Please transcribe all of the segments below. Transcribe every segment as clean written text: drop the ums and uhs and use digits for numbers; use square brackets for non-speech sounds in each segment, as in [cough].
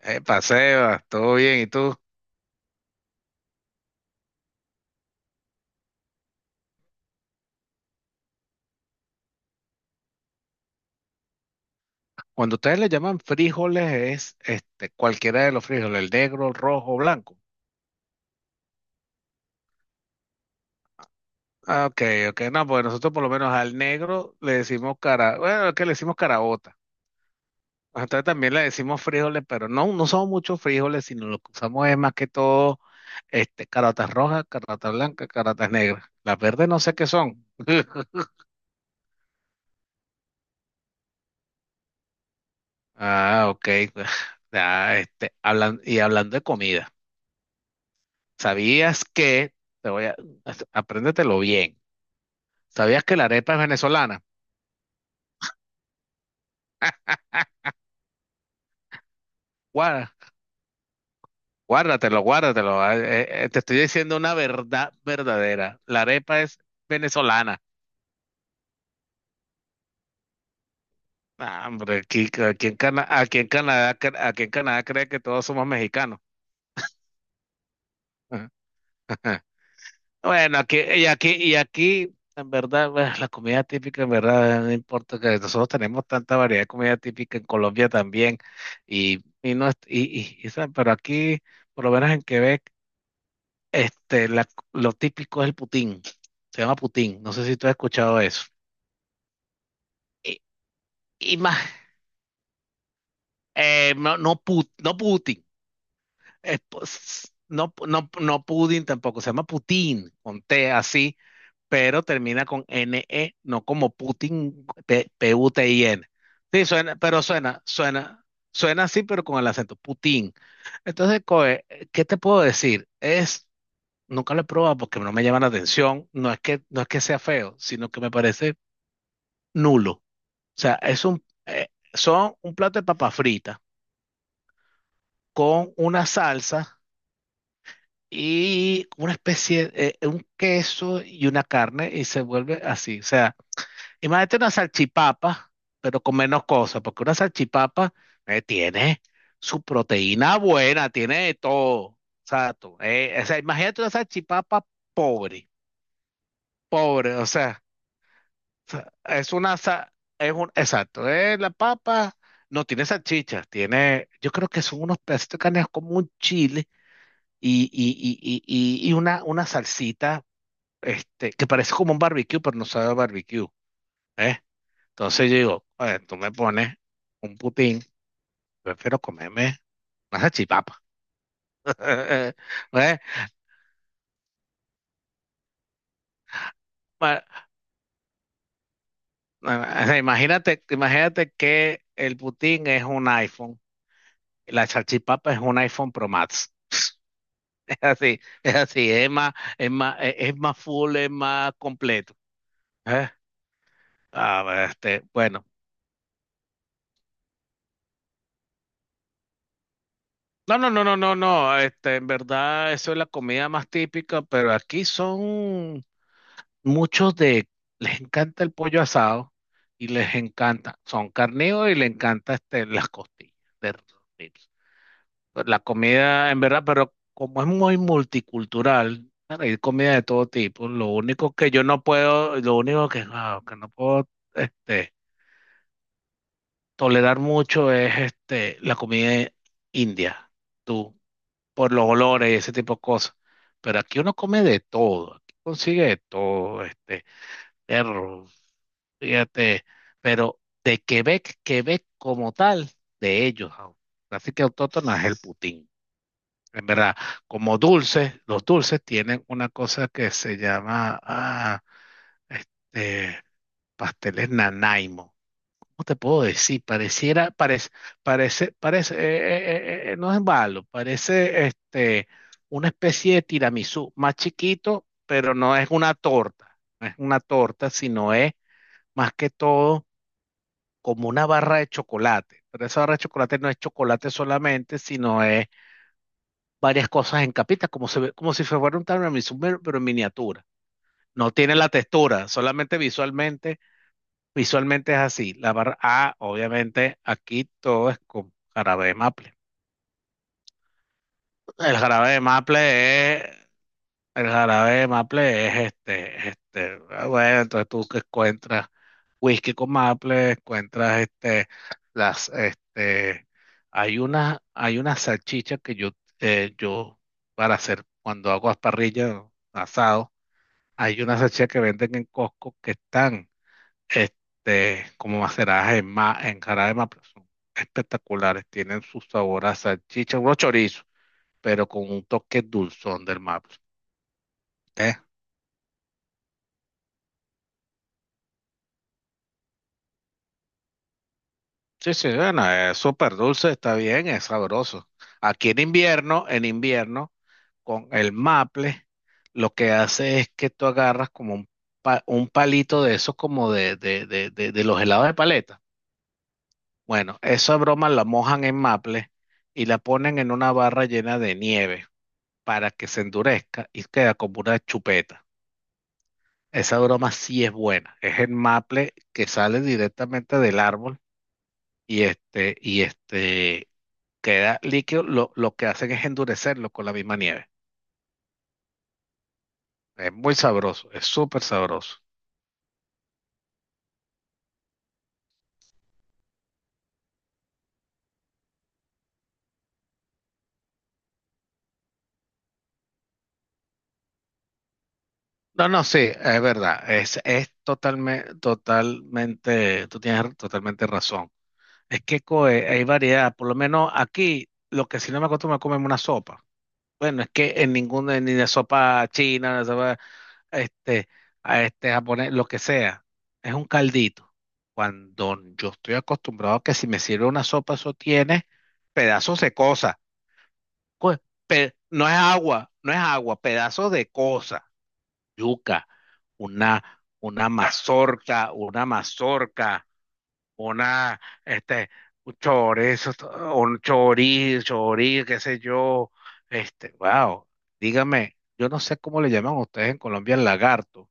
Epa, Sebas, todo bien. ¿Y tú? Cuando ustedes le llaman frijoles es cualquiera de los frijoles, el negro, el rojo, blanco. Ah, ok, ok. No, porque nosotros por lo menos al negro le decimos bueno, es que le decimos caraota. Nosotros también le decimos frijoles, pero no son muchos frijoles, sino lo que usamos es más que todo caraotas rojas, caraotas blancas, caraotas negras. Las verdes no sé qué son. [laughs] Ah, ok. [laughs] Ah, y hablando de comida. ¿Sabías que, te voy a, Apréndetelo bien. ¿Sabías que la arepa es venezolana? Guarda- guárdatelo, guárdatelo. Te estoy diciendo una verdad verdadera. La arepa es venezolana. Ah, hombre, aquí, aquí en Canadá, cre- aquí en Canadá cree que todos somos mexicanos. [laughs] Bueno, aquí, en verdad, bueno, la comida típica, en verdad, no importa que nosotros tenemos tanta variedad de comida típica en Colombia también, no, ¿sabes? Pero aquí, por lo menos en Quebec, este, la- lo típico es el putín, se llama putín, no sé si tú has escuchado eso. Y, y más, no, no putín, no, no, no pudín tampoco, se llama putín, con T así, pero termina con NE, no como Putin, P- P-U-T-I-N. Sí, suena, pero suena así, pero con el acento, Putin. Entonces, coe, ¿qué te puedo decir? Es, nunca lo he probado porque no me llama la atención, no es que sea feo, sino que me parece nulo. O sea, es un, son un plato de papa frita con una salsa y una especie de, un queso y una carne y se vuelve así. O sea, imagínate una salchipapa, pero con menos cosas, porque una salchipapa tiene su proteína buena, tiene de todo. Exacto. O sea, imagínate una salchipapa pobre, pobre, o sea, sa- es una, sa- es un, exacto, la papa no tiene salchichas, tiene, yo creo que son unos pedacitos de carne como un chile y una salsita, que parece como un barbecue, pero no sabe a barbecue. ¿Eh? Entonces yo digo, "Oye, tú me pones un putín, prefiero comerme una salchipapa." [laughs] ¿Ves? Ma- o sea, imagínate que el putín es un iPhone, y la salchipapa es un iPhone Pro Max. [laughs] Es así, es así, es más, es más, es más full, es más completo. ¿Eh? Ah, bueno, este, bueno. No, no, no, no, no, no. En verdad, eso es la comida más típica, pero aquí son muchos de les encanta el pollo asado y les encanta, son carnívoros y les encanta las costillas de ribs. Pues la comida, en verdad, pero como es muy multicultural, claro, hay comida de todo tipo. Lo único que yo no puedo, lo único que, que no puedo este, tolerar mucho es la comida india, tú, por los olores y ese tipo de cosas. Pero aquí uno come de todo, aquí consigue de todo, perro fíjate, pero de Quebec, Quebec como tal, de ellos. au- Así que autóctona es el Putin. En verdad, como dulces, los dulces tienen una cosa que se llama este, pasteles Nanaimo. ¿Cómo te puedo decir? Parece, no es malo, parece una especie de tiramisú, más chiquito, pero no es una torta, sino es más que todo como una barra de chocolate. Pero esa barra de chocolate no es chocolate solamente, sino es varias cosas en capitas, como, como si fuera un tiramisú, pero en miniatura. No tiene la textura, visualmente es así. La barra A, obviamente, aquí todo es con jarabe de maple. El jarabe de maple es El jarabe de maple es bueno, entonces tú que encuentras whisky con maple, encuentras las, este, hay una salchicha que yo, eh, yo, para hacer, cuando hago las parrillas, asado, hay una salchicha que venden en Costco que están, como maceradas en en jarabe de maple, son espectaculares, tienen su sabor a salchicha, unos chorizos, pero con un toque dulzón del maple. ¿Eh? Sí, sí, bueno, es súper dulce, está bien, es sabroso. Aquí en invierno, con el maple, lo que hace es que tú agarras como un, un palito de esos como de los helados de paleta. Bueno, esa broma la mojan en maple y la ponen en una barra llena de nieve para que se endurezca y queda como una chupeta. Esa broma sí es buena. Es el maple que sale directamente del árbol y este, y este. queda líquido, lo que hacen es endurecerlo con la misma nieve. Es muy sabroso, es súper sabroso. No, no, sí, es verdad, es totalmente, totalmente, tú tienes totalmente razón. Es que coe, hay variedad, por lo menos aquí, lo que si no me acostumbro a comerme una sopa. Bueno, es que en ninguna, ni de sopa china, este, a este japonés, lo que sea, es un caldito. Cuando yo estoy acostumbrado a que si me sirve una sopa, eso tiene pedazos de cosas. Pues, no es agua, pedazo de cosa, yuca, una, una mazorca, una, este, un chorizo, chorizo, qué sé yo, wow, dígame, yo no sé cómo le llaman ustedes en Colombia el lagarto,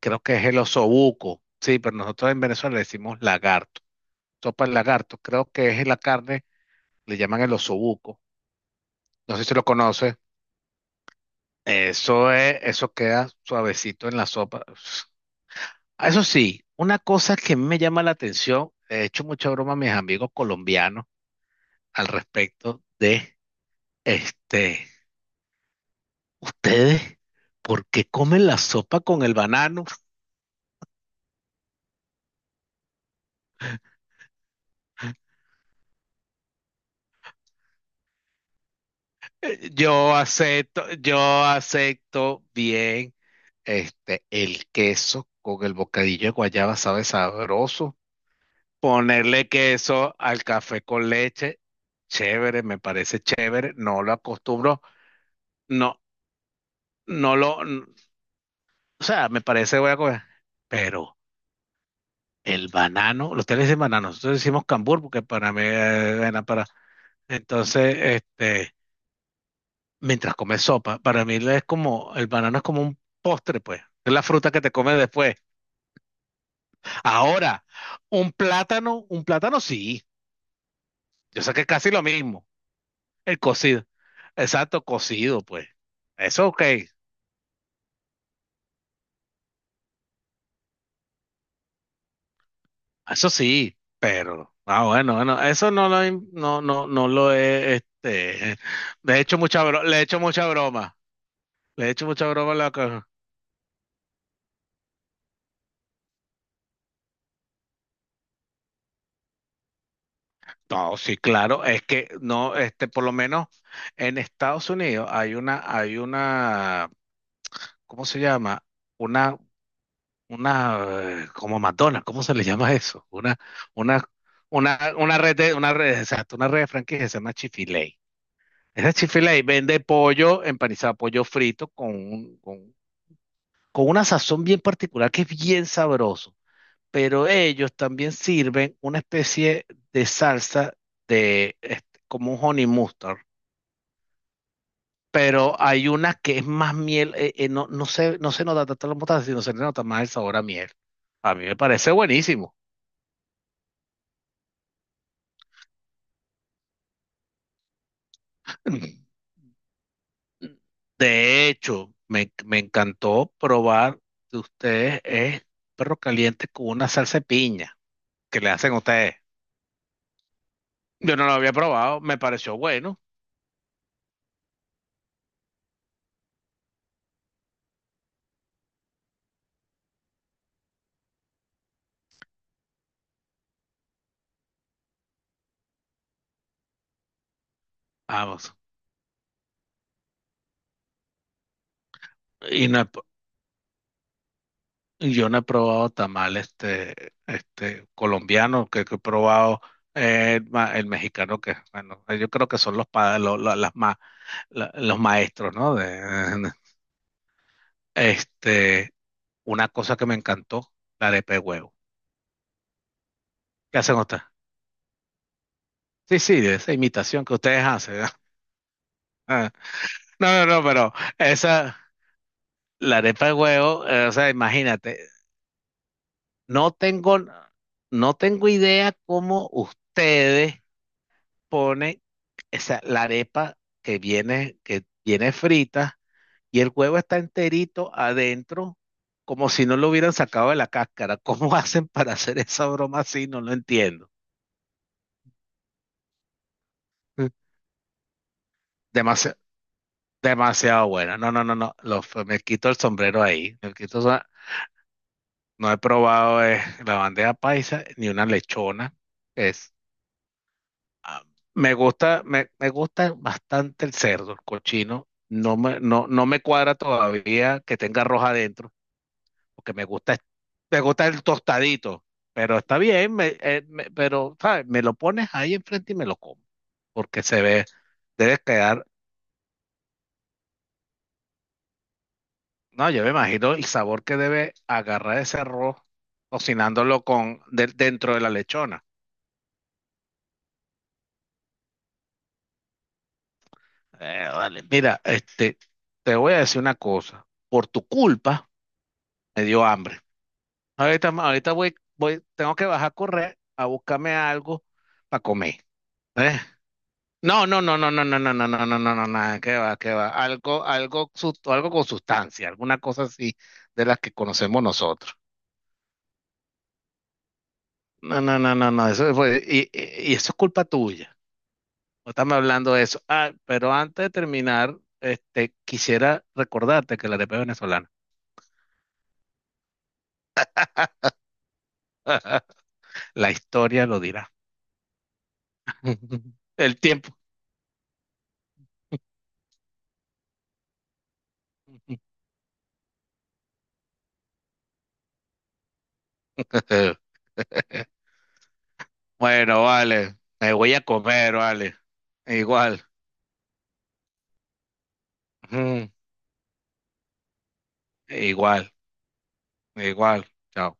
creo que es el osobuco, sí, pero nosotros en Venezuela le decimos lagarto, sopa de lagarto, creo que es la carne, le llaman el osobuco, no sé si lo conoces. Eso es, eso queda suavecito en la sopa. Ah, eso sí, una cosa que a mí me llama la atención, he hecho mucha broma a mis amigos colombianos al respecto de, este, ustedes, ¿por qué comen la sopa con el banano? [laughs] Yo acepto bien, el queso con el bocadillo de guayaba sabe sabroso. Ponerle queso al café con leche, chévere, me parece chévere, no lo acostumbro, no, no lo, o sea, me parece voy a comer, pero el banano, los le dicen banano, nosotros decimos cambur porque para mí bueno, para, entonces, este, mientras comes sopa, para mí es como, el banano es como un postre, pues, es la fruta que te comes después. Ahora, un plátano sí, yo sé que es casi lo mismo. El cocido. Exacto, cocido, pues. Eso ok, eso sí, pero, ah, bueno, bueno, eso no lo, no, no, no lo he, le he hecho mucha broma, le he hecho mucha broma, le he hecho mucha broma a la cosa. No, sí, claro, es que no, por lo menos en Estados Unidos hay una, ¿cómo se llama? Una, como Madonna, ¿cómo se le llama eso? Una, una red de, una red, exacto, una red de franquicias, se llama Chick-fil-A. Esa chifila ahí vende pollo empanizado, pollo frito con una sazón bien particular que es bien sabroso. Pero ellos también sirven una especie de salsa de como un honey mustard. Pero hay una que es más miel, no, no se nota tanto la mostaza, sino se le nota más el sabor a miel. A mí me parece buenísimo. [clears throat] De hecho, me encantó probar de ustedes es perro caliente con una salsa de piña que le hacen a ustedes. Yo no lo había probado, me pareció bueno. Vamos. Y no he p- yo no he probado tamal este colombiano, que he probado el mexicano, que bueno, yo creo que son los pa- lo- las ma- la- los maestros, ¿no? De, [laughs] de- este, una cosa que me encantó, la arepa de huevo. ¿Qué hacen ustedes? Sí, sí, de esa imitación que ustedes hacen. [laughs] ¿No? Ah, no, no, no, pero esa, la arepa de huevo, o sea, imagínate, No tengo, no tengo idea cómo ustedes ponen la arepa que viene frita y el huevo está enterito adentro, como si no lo hubieran sacado de la cáscara. ¿Cómo [laughs] hacen para hacer esa broma así? No lo entiendo. Demasi- demasiado buena. No, no, no, no. Me quito el sombrero ahí. Me quito, el som- no he probado la bandeja paisa ni una lechona. Ah, me gusta, me gusta bastante el cerdo, el cochino. No me cuadra todavía que tenga arroz adentro, porque me gusta el tostadito. Pero está bien, pero ¿sabes? Me lo pones ahí enfrente y me lo como, porque se ve, debe quedar. No, yo me imagino el sabor que debe agarrar ese arroz cocinándolo con dentro de la lechona. Vale, mira, te voy a decir una cosa. Por tu culpa me dio hambre. Ahorita, ahorita tengo que bajar a correr a buscarme algo para comer. ¿Eh? No, no, no, no, no, no, no, no, no, no, no, no, nada, qué va, qué va. Algo, algo con sustancia, alguna cosa así de las que conocemos nosotros. No, no, no, no, no, eso fue, y eso es culpa tuya. No estamos hablando de eso. Ah, pero antes de terminar, quisiera recordarte que la arepa es venezolana. [laughs] La historia lo dirá. [laughs] El tiempo. [laughs] Bueno, vale. Me voy a comer, vale. Igual, ujú, igual, igual. Chao.